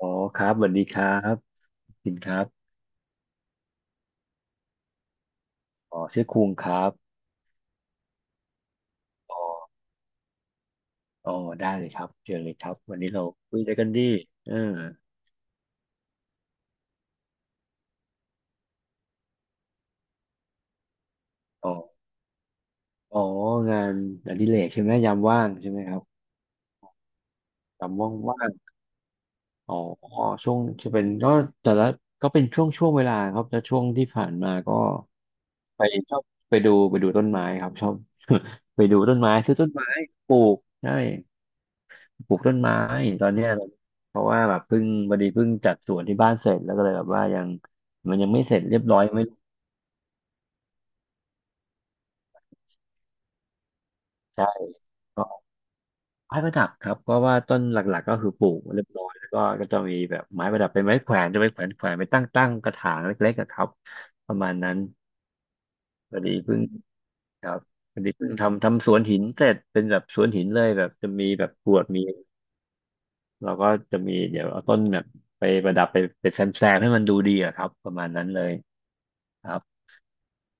อ๋อครับสวัสดีครับพินครับอ๋อชื่อคุงครับอ๋ออ๋อได้เลยครับเชิญเลยครับวันนี้เราคุยอะไรกันดีเอออ๋ออ๋องานอดิเรกใช่ไหมยามว่างใช่ไหมครับยามว่างอ๋อช่วงจะเป็นก็แต่ละก็เป็นช่วงเวลาครับแต่ช่วงที่ผ่านมาก็ไปชอบไปดูต้นไม้ครับชอบ ไปดูต้นไม้ซื้อต้นไม้ปลูกใช่ ปลูกต้นไม้ตอนเนี้ยเพราะว่าแบบเพิ่งพอดีเพิ่งจัดสวนที่บ้านเสร็จแล้วก็เลยแบบว่ายังมันยังไม่เสร็จเรียบร้อยไม่ใช่ก็ไม้ประดับครับเพราะว่าต้นหลักๆก็คือปลูกเรียบร้อยแล้วก็ก็จะมีแบบไม้ประดับเป็นไม้แขวนจะไปแขวนไปตั้งกระถางเล็กๆอะครับประมาณนั้นพอดีเพิ่งครับพอดีเพิ่งทำสวนหินเสร็จเป็นแบบสวนหินเลยแบบจะมีแบบกรวดมีเราก็จะมีเดี๋ยวเอาต้นแบบไปประดับไปแซมให้มันดูดีอะครับประมาณนั้นเลยครับ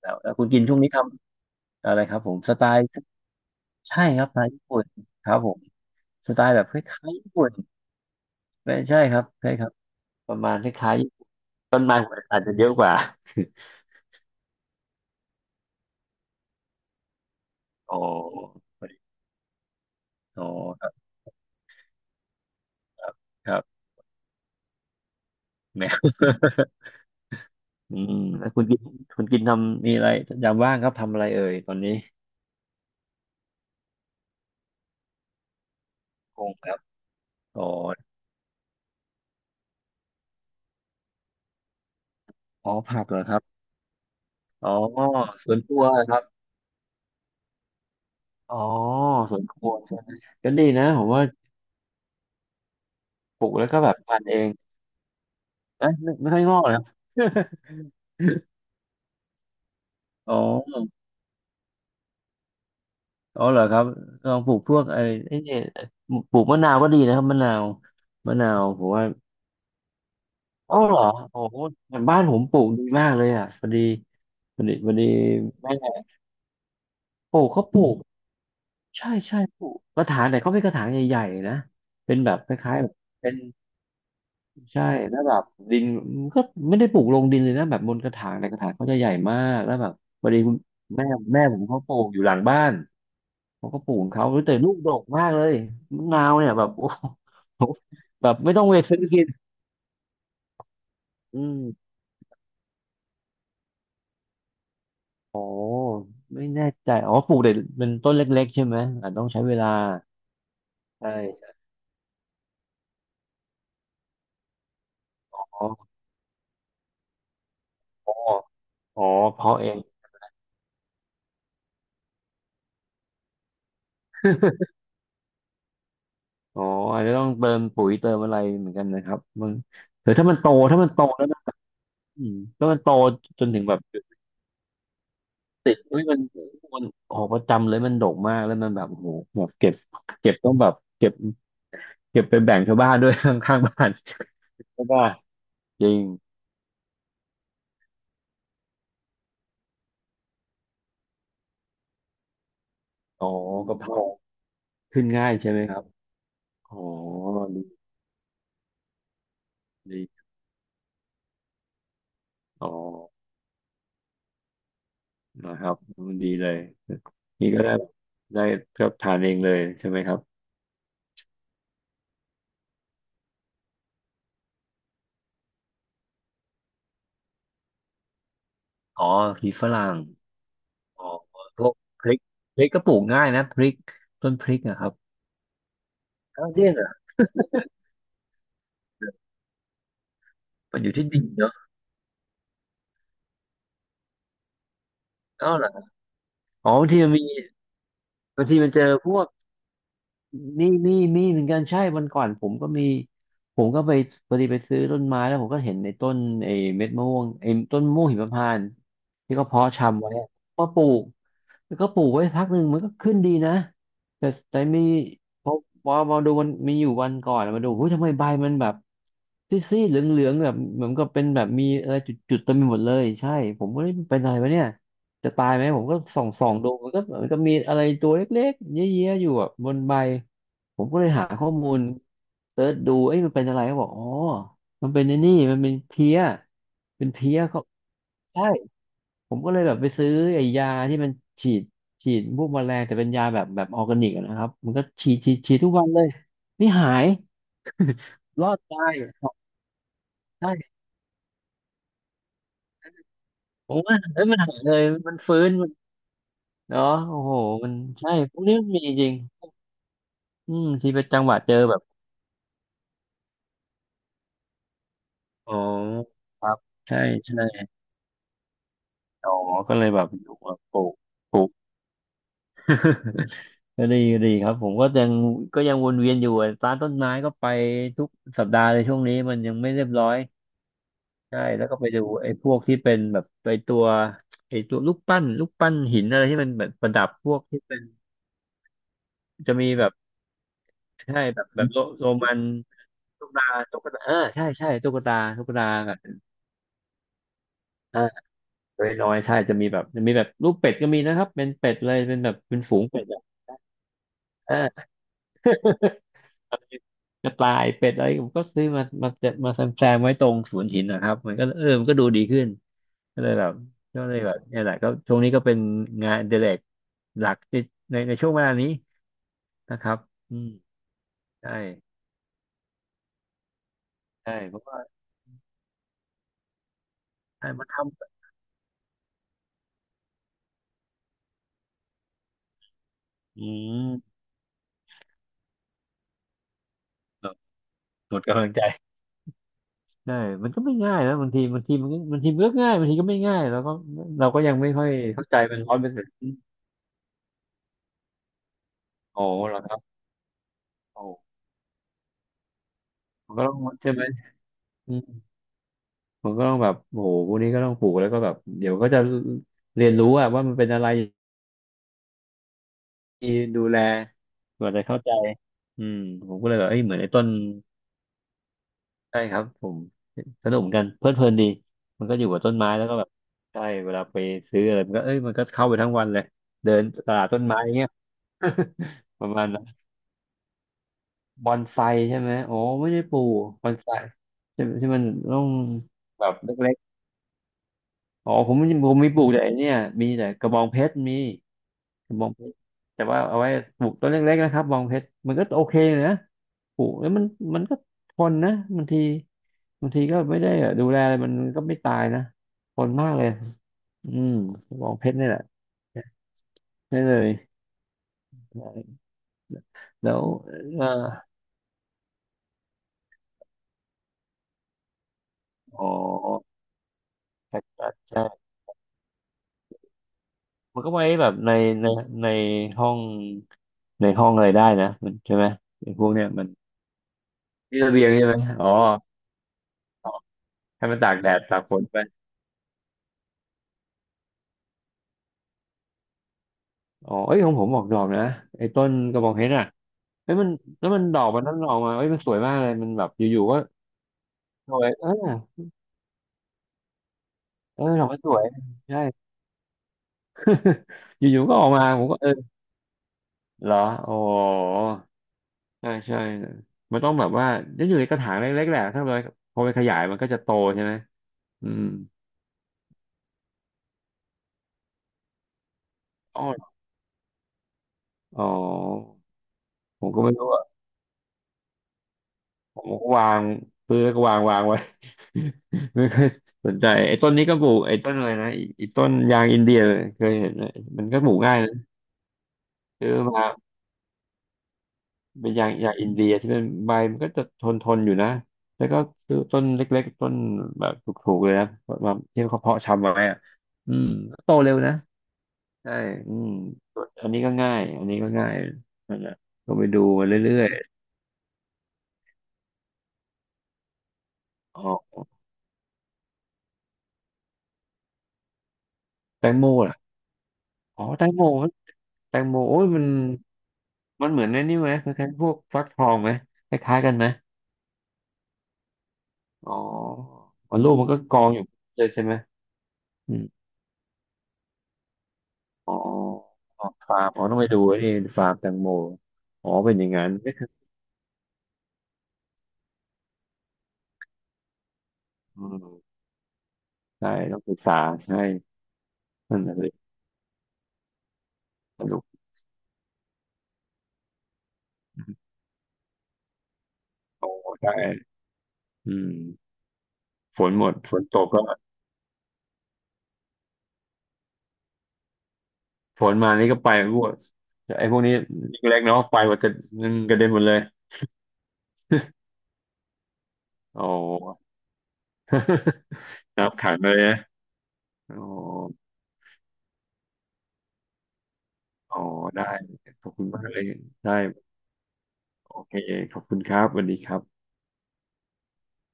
แล้วคุณกินช่วงนี้ทำอะไรครับผมสไตล์ใช่ครับสไตล์ญี่ปุ่นครับผมสไตล์แบบคล้ายๆญี่ปุ่นไม่ใช่ครับใช่ครับประมาณคล้ายๆต้นไม้หัวอาจจะเยอะกว่า อ๋ออ๋อครับครับครับ แมว อืมแล้วคุณกินคุณกินทำมีอะไรยามว่างครับทำอะไรเอ่ยตอนนี้คงครับอ๋ออ๋อผักเหรอครับอ๋อสวนครัวครับอ๋อสวนครัวใช่ไหมก็ดีนะผมว่าปลูกแล้วก็แบบทานเอง เอ๊ะไม่ค่อยงอกเหรอ อ๋ออ๋อเหรอครับลองปลูกพวกไอ้ไอ้เนี่ยปลูกมะนาวก็ดีนะครับมะนาวมะนาวผมว่าอ๋อเหรอโอ้โหบ้านผมปลูกดีมากเลยอ่ะพอดีพอดีพอดีแม่ปลูกเขาปลูกใช่ใช่ปลูกกระถางแต่เขาเป็นกระถางใหญ่ๆนะเป็นแบบคล้ายๆแบบเป็นใช่แล้วแบบดินก็ไม่ได้ปลูกลงดินเลยนะแบบบนกระถางแต่กระถางเขาจะใหญ่มากแล้วแบบพอดีคุณแม่ผมเขาปลูกอยู่หลังบ้าน เขาก็ปลูกของเขาแต่ลูกดกมากเลยมะนาวเนี่ยแบบโอ้โห แบบไม่ต้องไปซื้อกินอืมโอ้ไม่แน่ใจอ๋อปลูกแต่เป็นต้นเล็กๆใช่ไหมอาจต้องใช้เวลาใช่ใช่อ๋ออ๋อเพาะเองอ๋ออาจจะต้องเติมปุ๋ยเติมอะไรเหมือนกันนะครับมันหรือถ้ามันโตถ้ามันโตแล้วนะอืมถ้ามันโตจนถึงแบบจุดติดเฮ้ยมันมันออกประจำเลยมันดกมากแล้วมันแบบโอ้โหแบบเก็บต้องแบบเก็บไปแบ่งชาวบ้านด้วย ข้างๆบ้าน ใช่ป่ะจริงอ๋อกะเพราขึ้นง่ายใช่ไหมครับอ๋อดีดีอ๋อนะครับดีเลยนี่ก็ได้ได้ก็ทานเองเลยใช่ไหมครับอ๋อพริกฝรั่งอ๋อพวกพริกพริกก็ปลูกง่ายนะพริกต้นพริกนะครับอ้าวเนี่ยเหรอมันอยู่ที่ดินเนาะอ้าวเหรออ๋อบางทีมันมีบางทีมันเจอพวก มีเหมือนกันใช่ วันก่อนผมก็มี ผมก็ไปพอดีไปซื้อต้นไม้แล้วผมก็เห็นในต้นไอ้เม็ดมะม่วงไอ้ต้นมะม่วงหิมพานต์ที่เขาเพาะชำไว้อะมาปลูก แล้วก็ปลูกไว้พักหนึ่งมันก็ขึ้นดีนะแต่มีพอมาดูมันมีอยู่วันก่อนมาดูเฮ้ยทำไมใบมันแบบซีดๆเหลืองๆแบบเหมือนกับเป็นแบบมีอะไรจุดๆเต็มไปหมดเลยใช่ผมก็เลยเป็นอะไรวะเนี่ยจะตายไหมผมก็ส่องดูมันก็มันก็มีอะไรตัวเล็กๆเยอะๆอยู่แบบบนใบผมก็เลยหาข้อมูลเสิร์ชดูเอ้ยมันเป็นอะไรเขาบอกอ๋อมันเป็นไอ้นี่มันเป็นเพลี้ยเป็นเพลี้ยเขาใช่ ผมก็เลยแบบไปซื้อไอ้ยาที่มันฉีดพวกแมลงแต่เป็นยาแบบออร์แกนิกอะนะครับมันก็ฉีดทุกวันเลยนี่หายรอดตายใช่ผมว่าเอ้ยมันหายเลยมันฟื้นมันเนาะโอ้โหมันใช่พวกนี้มันมีจริงอืมที่ไปจังหวัดเจอแบบอ๋อครับใช่ใช่อ๋อก็เลยแบบอยู่แบบปลูกปลูก ก็ดีก็ดีครับผมก็ยังก็ยังวนเวียนอยู่อะร้านต้นไม้ก็ไปทุกสัปดาห์เลยช่วงนี้มันยังไม่เรียบร้อย ใช่แล้วก็ไปดูไอ้พวกที่เป็นแบบไอ้ตัวลูกปั้นหินอะไรที่มันแบบประดับพวกที่เป็นจะมีแบบใช่แบบแบบโรมันตุ๊กตาตุ๊กตาเออใช่ใช่ตุ๊กตาแบบเออน้อยๆใช่จะมีแบบจะมีแบบลูกเป็ดก็มีนะครับเป็นเป็ดเลยเป็นแบบเป็นฝูงเป็ดอะเออ กระต่ายเป็ดอะไรผมก็ซื้อมาจะมาแซมไว้ตรงสวนหินนะครับมันก็เออมันก็ดูดีขึ้นก็เลยแบบก็เลยแบบเนี่ยแหละก็ช่วงนี้ก็เป็นงานอดิเรกหลักในช่วงเวลานี้นะครับอืมใช่ใช่เพราะว่าใช่มันทำอืมหมดกำลังใจใช่มันก็ไม่ง่ายนะบางทีมันก็บางทีมันก็ง่ายบางทีก็ไม่ง่ายแล้วก็เราก็ยังไม่ค่อยเข้าใจมัน100%โอ้เหรอครับโอ้มันก็ต้องใช่ไหม มันก็ต้องแบบโอ้โหพวกนี้ก็ต้องปลูกแล้วก็แบบเดี๋ยวก็จะเรียนรู้อะว่ามันเป็นอะไรดูแลกว่าจะเข้าใจอืมผมก็เลยแบบเอ้ยเหมือนไอ้ต้นใช่ครับผมสนุกเหมือนกันเพลิดเพลินดีมันก็อยู่กับต้นไม้แล้วก็แบบใช่เวลาไปซื้ออะไรมันก็เอ้ยมันก็เข้าไปทั้งวันเลยเดินตลาดต้นไม้อย่างเงี้ย ประมาณนั้นบอนไซใช่ไหมโอ้ไม่ได้ปลูกบอนไซใช่ไหมที่มันต้องแบบเล็กๆอ๋อผมมีปลูกแต่ไอ้เนี่ยมีแต่กระบองเพชรมี บองเพชรแต่ว่าเอาไว้ปลูกต้นเล็กๆนะครับบองเพชรมันก็โอเคอยู่นะปลูกแล้วมันก็ทนนะบางทีบางทีก็ไม่ได้ดูแลอะไรมันก็ไม่ตายนะทนมากเลยอืมบองเพชรนี่แหละใช่เลยแล้วเอ่ออ๋อใช่ใช่ใช่มันก็ไว้แบบในในห้องในห้องอะไรได้นะมันใช่ไหมไอ้พวกเนี้ยมันที่ระเบียงใช่ไหมอ๋ออ๋อให้มันตากแดดตากฝนไปอ๋อเอ้ยของผมออกดอกนะไอ้ต้นกระบองเพชรอ่ะ เฮ้ยมันแล้วมันดอกมันนั่นออกมาเฮ้ยมันสวยมากเลยมันแบบอยู่ๆก็สวยเออเออดอกมันสวยใช่อยู่ๆก็ออกมาผมก็เออเหรอโอ้โหใช่ใช่มันต้องแบบว่าจะอยู่ในกระถางเล็กๆแหละถ้าเราพอไปขยายมันก็จะโตใช่ไหมอืมอ๋ออ๋อผมก็ไม่รู้อ่ะผมก็วางซื้อแล้วก็วางไว้ ไม่เคอยสนใจไอ้ต้นนี้ก็ปลูกไอ้ต้นอะไรนะไอ้ต้นยางอินเดียเคยเห็นไหมมันก็ปลูกง่ายนะซื้อมา เป็นอย่างอินเดียที่มันใบมันก็จะทนอยู่นะแล้วก็ซื้อต้นเล็กๆต้นแบบถูกๆเลยนะมาที่เขาเพาะชำไว้อะอืมโตเร็วนะใช่อืมอันนี้ก็ง่ายอันนี้ก็ง่ายนั่นแหละก็ไปดูมาเรื่อยๆอ๋อแตงโมล่ะอ๋อแตงโมแตงโมโอ้ยมันมันเหมือนไอ้นี่ไหมคล้ายๆพวกฟักทองไหมคล้ายๆกันไหมอ๋ออ๋อลูกมันก็กองอยู่เลยใช่ไหม อ๋อฟาร์มอ๋อต้องไปดูไอ้นี่ฟาร์มแตงโมอ๋อเป็นอย่างนั้นไม่เคยอืมใช่ต้องศึกษาใช่นั่นแหละสิสนุกโอ้ได้อืมฝนหมดฝนตกก็ฝนมานี่ก็ไปรั่ไอ้พวกนี้เล็กๆเนาะไปหมดกระนึ่งกระเด็นหมดเลยโอ้ น้ำขังเลยนะโอ้โอ้ได้ขอบคุณมากเลยได้โอเคขอบคุณครับสวัสดีครับ